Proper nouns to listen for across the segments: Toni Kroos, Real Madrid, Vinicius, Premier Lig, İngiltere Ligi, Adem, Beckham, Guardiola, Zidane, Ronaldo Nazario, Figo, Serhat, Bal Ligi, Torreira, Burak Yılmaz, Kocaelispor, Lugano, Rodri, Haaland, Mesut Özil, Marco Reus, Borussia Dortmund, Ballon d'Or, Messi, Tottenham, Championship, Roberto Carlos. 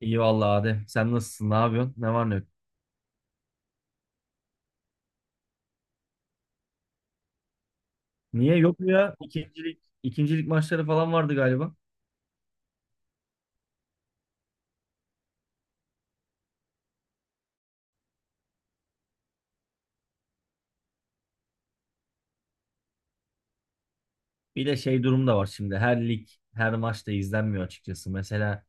İyi vallahi Adem. Sen nasılsın? Ne yapıyorsun? Ne var ne yok? Niye yok mu ya? İkincilik maçları falan vardı galiba. Bir de durum da var şimdi. Her lig, her maç da izlenmiyor açıkçası. Mesela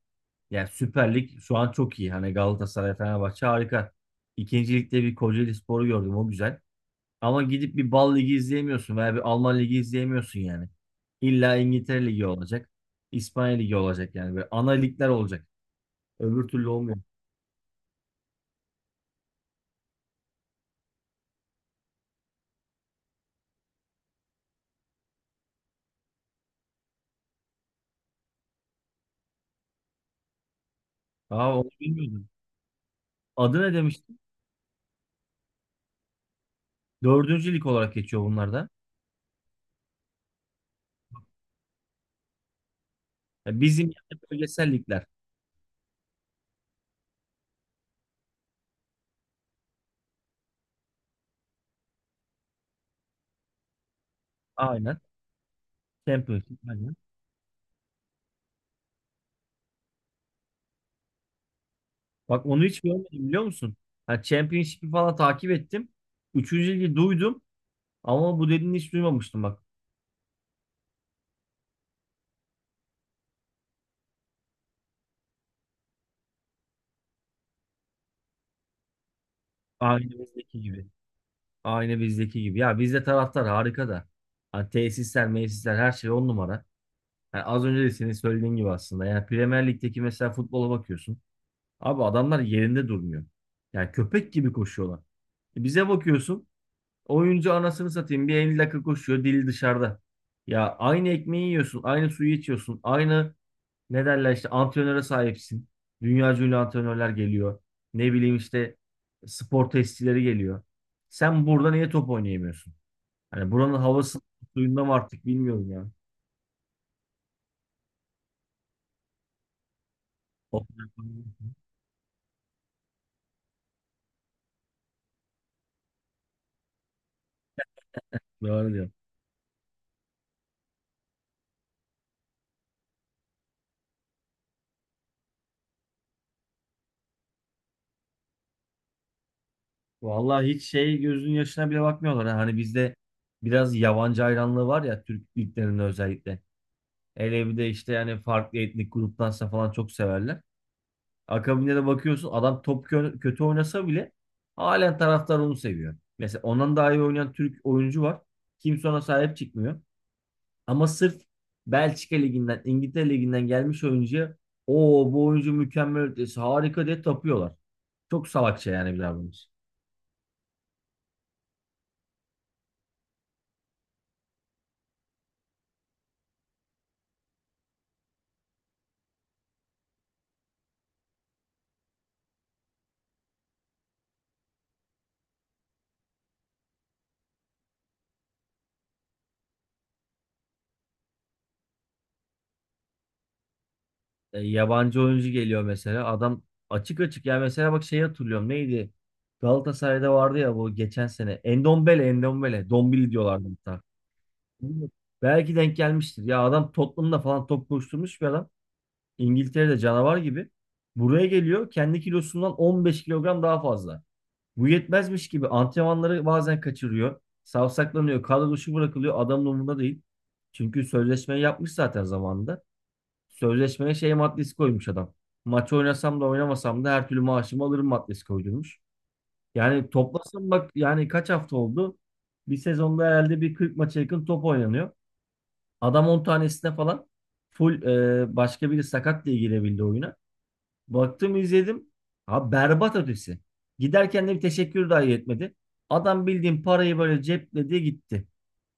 yani Süper Lig şu an çok iyi. Hani Galatasaray, Fenerbahçe harika. İkincilikte bir Kocaelispor'u gördüm. O güzel. Ama gidip bir Bal Ligi izleyemiyorsun veya bir Alman Ligi izleyemiyorsun yani. İlla İngiltere Ligi olacak. İspanya Ligi olacak yani. Böyle ana ligler olacak. Öbür türlü olmuyor. Aa, onu bilmiyordum. Adı ne? Dördüncü lig olarak geçiyor bunlar da. Ya bizim yani bölgesel ligler. Aynen. Championship. Aynen. Bak onu hiç görmedim biliyor musun? Ha, Championship'i falan takip ettim. Üçüncü ligi duydum. Ama bu dediğini hiç duymamıştım bak. Aynı bizdeki gibi. Aynı bizdeki gibi. Ya bizde taraftar harika da. Ha, tesisler, mesisler her şey on numara. Yani az önce de senin söylediğin gibi aslında. Yani Premier Lig'deki mesela futbola bakıyorsun. Abi adamlar yerinde durmuyor. Yani köpek gibi koşuyorlar. Bize bakıyorsun. Oyuncu anasını satayım bir 50 dakika koşuyor dili dışarıda. Ya aynı ekmeği yiyorsun, aynı suyu içiyorsun, aynı ne derler işte antrenöre sahipsin. Dünya ünlü antrenörler geliyor. Ne bileyim işte spor testileri geliyor. Sen burada niye top oynayamıyorsun? Hani buranın havası suyunda mı artık bilmiyorum ya. O- Doğru diyor. Vallahi hiç gözünün yaşına bile bakmıyorlar. Ha. Hani bizde biraz yabancı hayranlığı var ya Türk liglerinde özellikle. Hele bir de işte yani farklı etnik gruptansa falan çok severler. Akabinde de bakıyorsun adam top kötü oynasa bile halen taraftar onu seviyor. Mesela ondan daha iyi oynayan Türk oyuncu var. Kimse ona sahip çıkmıyor. Ama sırf Belçika Ligi'nden, İngiltere Ligi'nden gelmiş oyuncuya o bu oyuncu mükemmel ötesi harika diye tapıyorlar. Çok salakça yani bir davranış. Yabancı oyuncu geliyor mesela. Adam açık açık ya mesela bak şeyi hatırlıyorum neydi? Galatasaray'da vardı ya bu geçen sene. Endombele, Endombele. Dombili diyorlardı hatta. Belki denk gelmiştir. Ya adam Tottenham'da falan top koşturmuş bir adam. İngiltere'de canavar gibi. Buraya geliyor kendi kilosundan 15 kilogram daha fazla. Bu yetmezmiş gibi antrenmanları bazen kaçırıyor. Savsaklanıyor. Kadro dışı bırakılıyor. Adamın umurunda değil. Çünkü sözleşmeyi yapmış zaten zamanında. Sözleşmeye şey maddesi koymuş adam. Maçı oynasam da oynamasam da her türlü maaşımı alırım maddesi koydurmuş. Yani toplasam bak yani kaç hafta oldu? Bir sezonda herhalde bir 40 maça yakın top oynanıyor. Adam 10 tanesine falan full başka biri sakat diye girebildi oyuna. Baktım izledim. Ha berbat ötesi. Giderken de bir teşekkür dahi etmedi. Adam bildiğin parayı böyle cepledi gitti.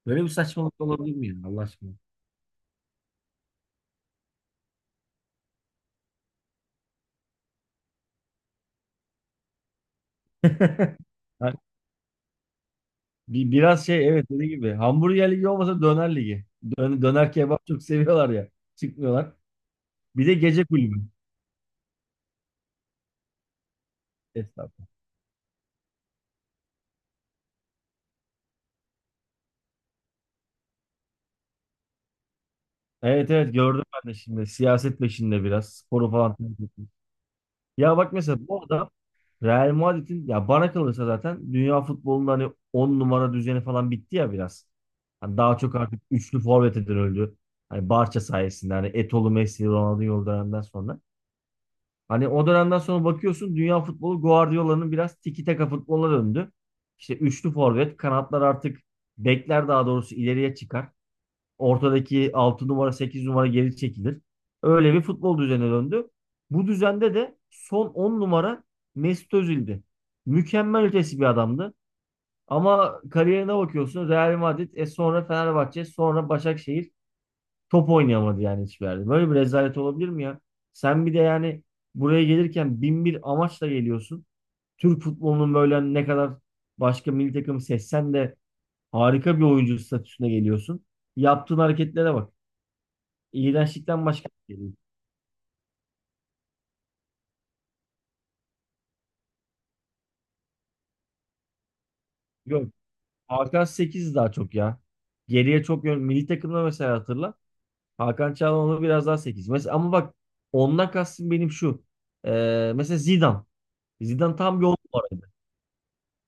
Böyle bir saçmalık olabilir mi ya Allah aşkına? Biraz evet dediğim gibi hamburger ligi olmasa döner ligi. Döner kebap çok seviyorlar ya. Çıkmıyorlar. Bir de gece kulübü. Estağfurullah. Evet, evet, gördüm ben de şimdi. Siyaset peşinde biraz. Sporu falan takip etmiş. Ya bak mesela bu adam Real Madrid'in ya bana kalırsa zaten dünya futbolunda hani 10 numara düzeni falan bitti ya biraz. Hani daha çok artık üçlü forvete dönüldü. Hani Barça sayesinde hani Etolu, Messi, Ronaldinho döneminden sonra. Hani o dönemden sonra bakıyorsun dünya futbolu Guardiola'nın biraz tiki taka futboluna döndü. İşte üçlü forvet, kanatlar artık bekler daha doğrusu ileriye çıkar. Ortadaki 6 numara 8 numara geri çekilir. Öyle bir futbol düzenine döndü. Bu düzende de son 10 numara Mesut Özil'di. Mükemmel ötesi bir adamdı. Ama kariyerine bakıyorsun Real Madrid, sonra Fenerbahçe, sonra Başakşehir. Top oynayamadı yani hiçbir yerde. Böyle bir rezalet olabilir mi ya? Sen bir de yani buraya gelirken bin bir amaçla geliyorsun. Türk futbolunun böyle hani ne kadar başka milli takım seçsen de harika bir oyuncu statüsüne geliyorsun. Yaptığın hareketlere bak. İğrençlikten başka bir şey değil. Yok. Hakan 8 daha çok ya. Geriye çok yön. Milli takımda mesela hatırla. Hakan Çalhanoğlu onu biraz daha 8. Mesela ama bak ondan kastım benim şu. Mesela Zidane. Zidane tam bir 10 numara.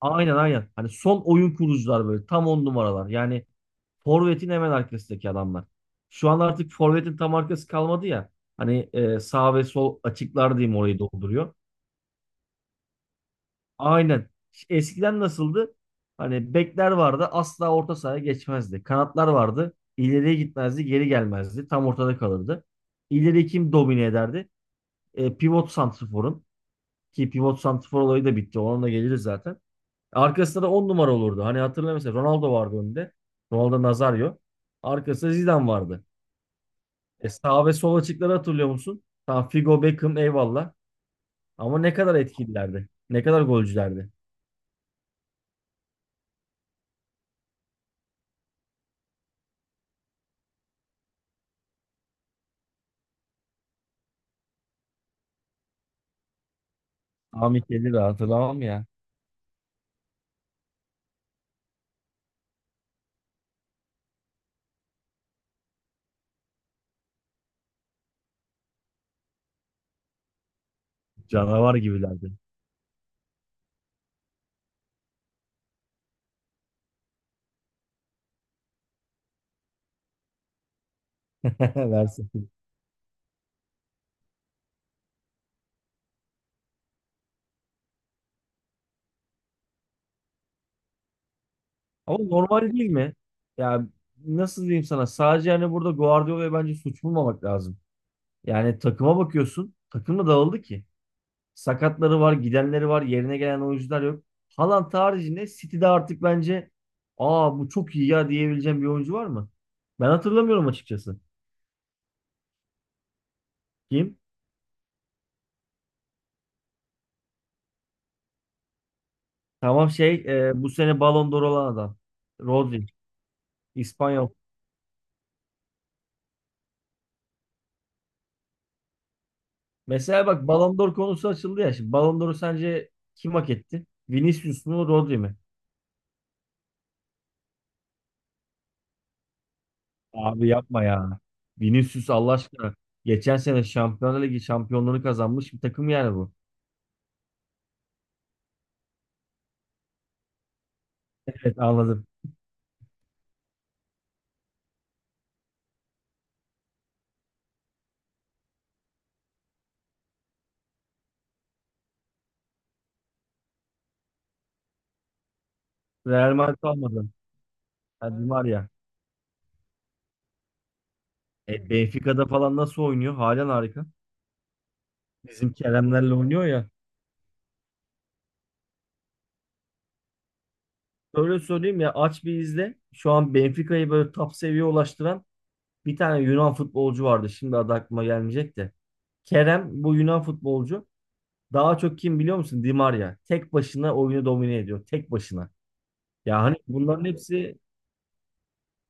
Aynen, aynen. Hani son oyun kurucular böyle tam 10 numaralar. Yani forvetin hemen arkasındaki adamlar. Şu an artık forvetin tam arkası kalmadı ya. Hani sağ ve sol açıklar diyeyim orayı dolduruyor. Aynen. Eskiden nasıldı? Hani bekler vardı asla orta sahaya geçmezdi. Kanatlar vardı, ileriye gitmezdi, geri gelmezdi. Tam ortada kalırdı. İleri kim domine ederdi? Pivot santrforun. Ki pivot santrfor olayı da bitti. Ona da geliriz zaten. Arkasında da 10 numara olurdu. Hani hatırla mesela Ronaldo vardı önde. Ronaldo Nazario. Arkasında Zidane vardı. Sağ ve sol açıkları hatırlıyor musun? Tam Figo, Beckham eyvallah. Ama ne kadar etkililerdi. Ne kadar golcülerdi. Ahmet Yedir hatırlamam ya. Canavar gibilerdi. Versin. Ama normal değil mi? Ya nasıl diyeyim sana? Sadece hani burada Guardiola'ya bence suç bulmamak lazım. Yani takıma bakıyorsun. Takım da dağıldı ki. Sakatları var, gidenleri var, yerine gelen oyuncular yok. Haaland haricinde City'de artık bence aa bu çok iyi ya diyebileceğim bir oyuncu var mı? Ben hatırlamıyorum açıkçası. Kim? Tamam, bu sene Ballon d'Or olan adam. Rodri. İspanyol. Mesela bak Ballon d'Or konusu açıldı ya. Şimdi Ballon d'Or'u sence kim hak etti? Vinicius mu Rodri mi? Abi yapma ya. Vinicius Allah aşkına. Geçen sene Şampiyonlar Ligi şampiyonluğunu kazanmış bir takım yani bu. Evet, anladım. Real Madrid almadı. Ha, Di Maria. Benfica'da falan nasıl oynuyor? Halen harika. Bizim Keremlerle oynuyor ya. Öyle söyleyeyim ya aç bir izle. Şu an Benfica'yı böyle top seviyeye ulaştıran bir tane Yunan futbolcu vardı. Şimdi adı aklıma gelmeyecek de. Kerem bu Yunan futbolcu. Daha çok kim biliyor musun? Di Maria. Tek başına oyunu domine ediyor. Tek başına. Ya hani bunların hepsi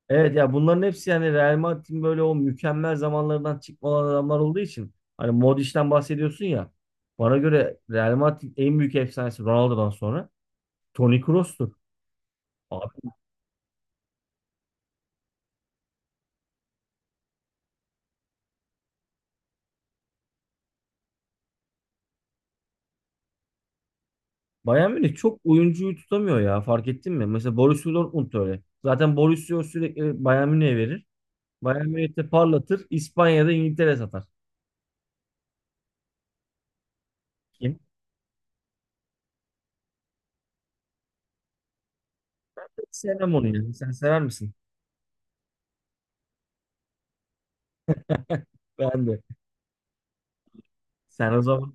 Evet ya bunların hepsi yani Real Madrid'in böyle o mükemmel zamanlarından çıkma olan adamlar olduğu için hani Modric'ten bahsediyorsun ya bana göre Real Madrid'in en büyük efsanesi Ronaldo'dan sonra Toni Kroos'tur. Abi, Bayern Münih çok oyuncuyu tutamıyor ya fark ettin mi? Mesela Borussia Dortmund da öyle. Zaten Borussia sürekli Bayern Münih'e verir. Bayern Münih'te parlatır. İspanya'da İngiltere satar. Kim? Sevmem onu yani. Sen sever misin? Ben de. Sen o zaman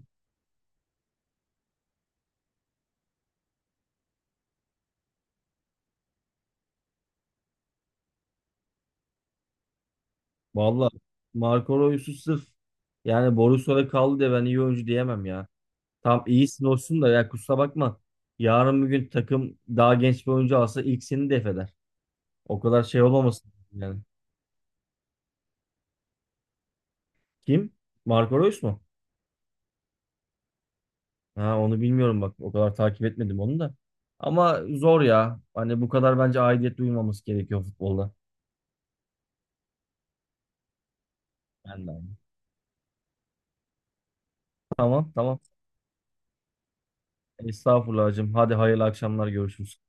Vallahi Marco Reus'u sırf yani Borussia'da kaldı diye ben iyi oyuncu diyemem ya. Tam iyisin olsun da ya kusura bakma. Yarın bir gün takım daha genç bir oyuncu alsa ilk seni def eder. O kadar şey olmamasın yani. Kim? Marco Reus mu? Ha, onu bilmiyorum bak. O kadar takip etmedim onu da. Ama zor ya. Hani bu kadar bence aidiyet duymaması gerekiyor futbolda. Ben de aynı. Tamam, tamam. Estağfurullah hacım. Hadi hayırlı akşamlar, görüşürüz.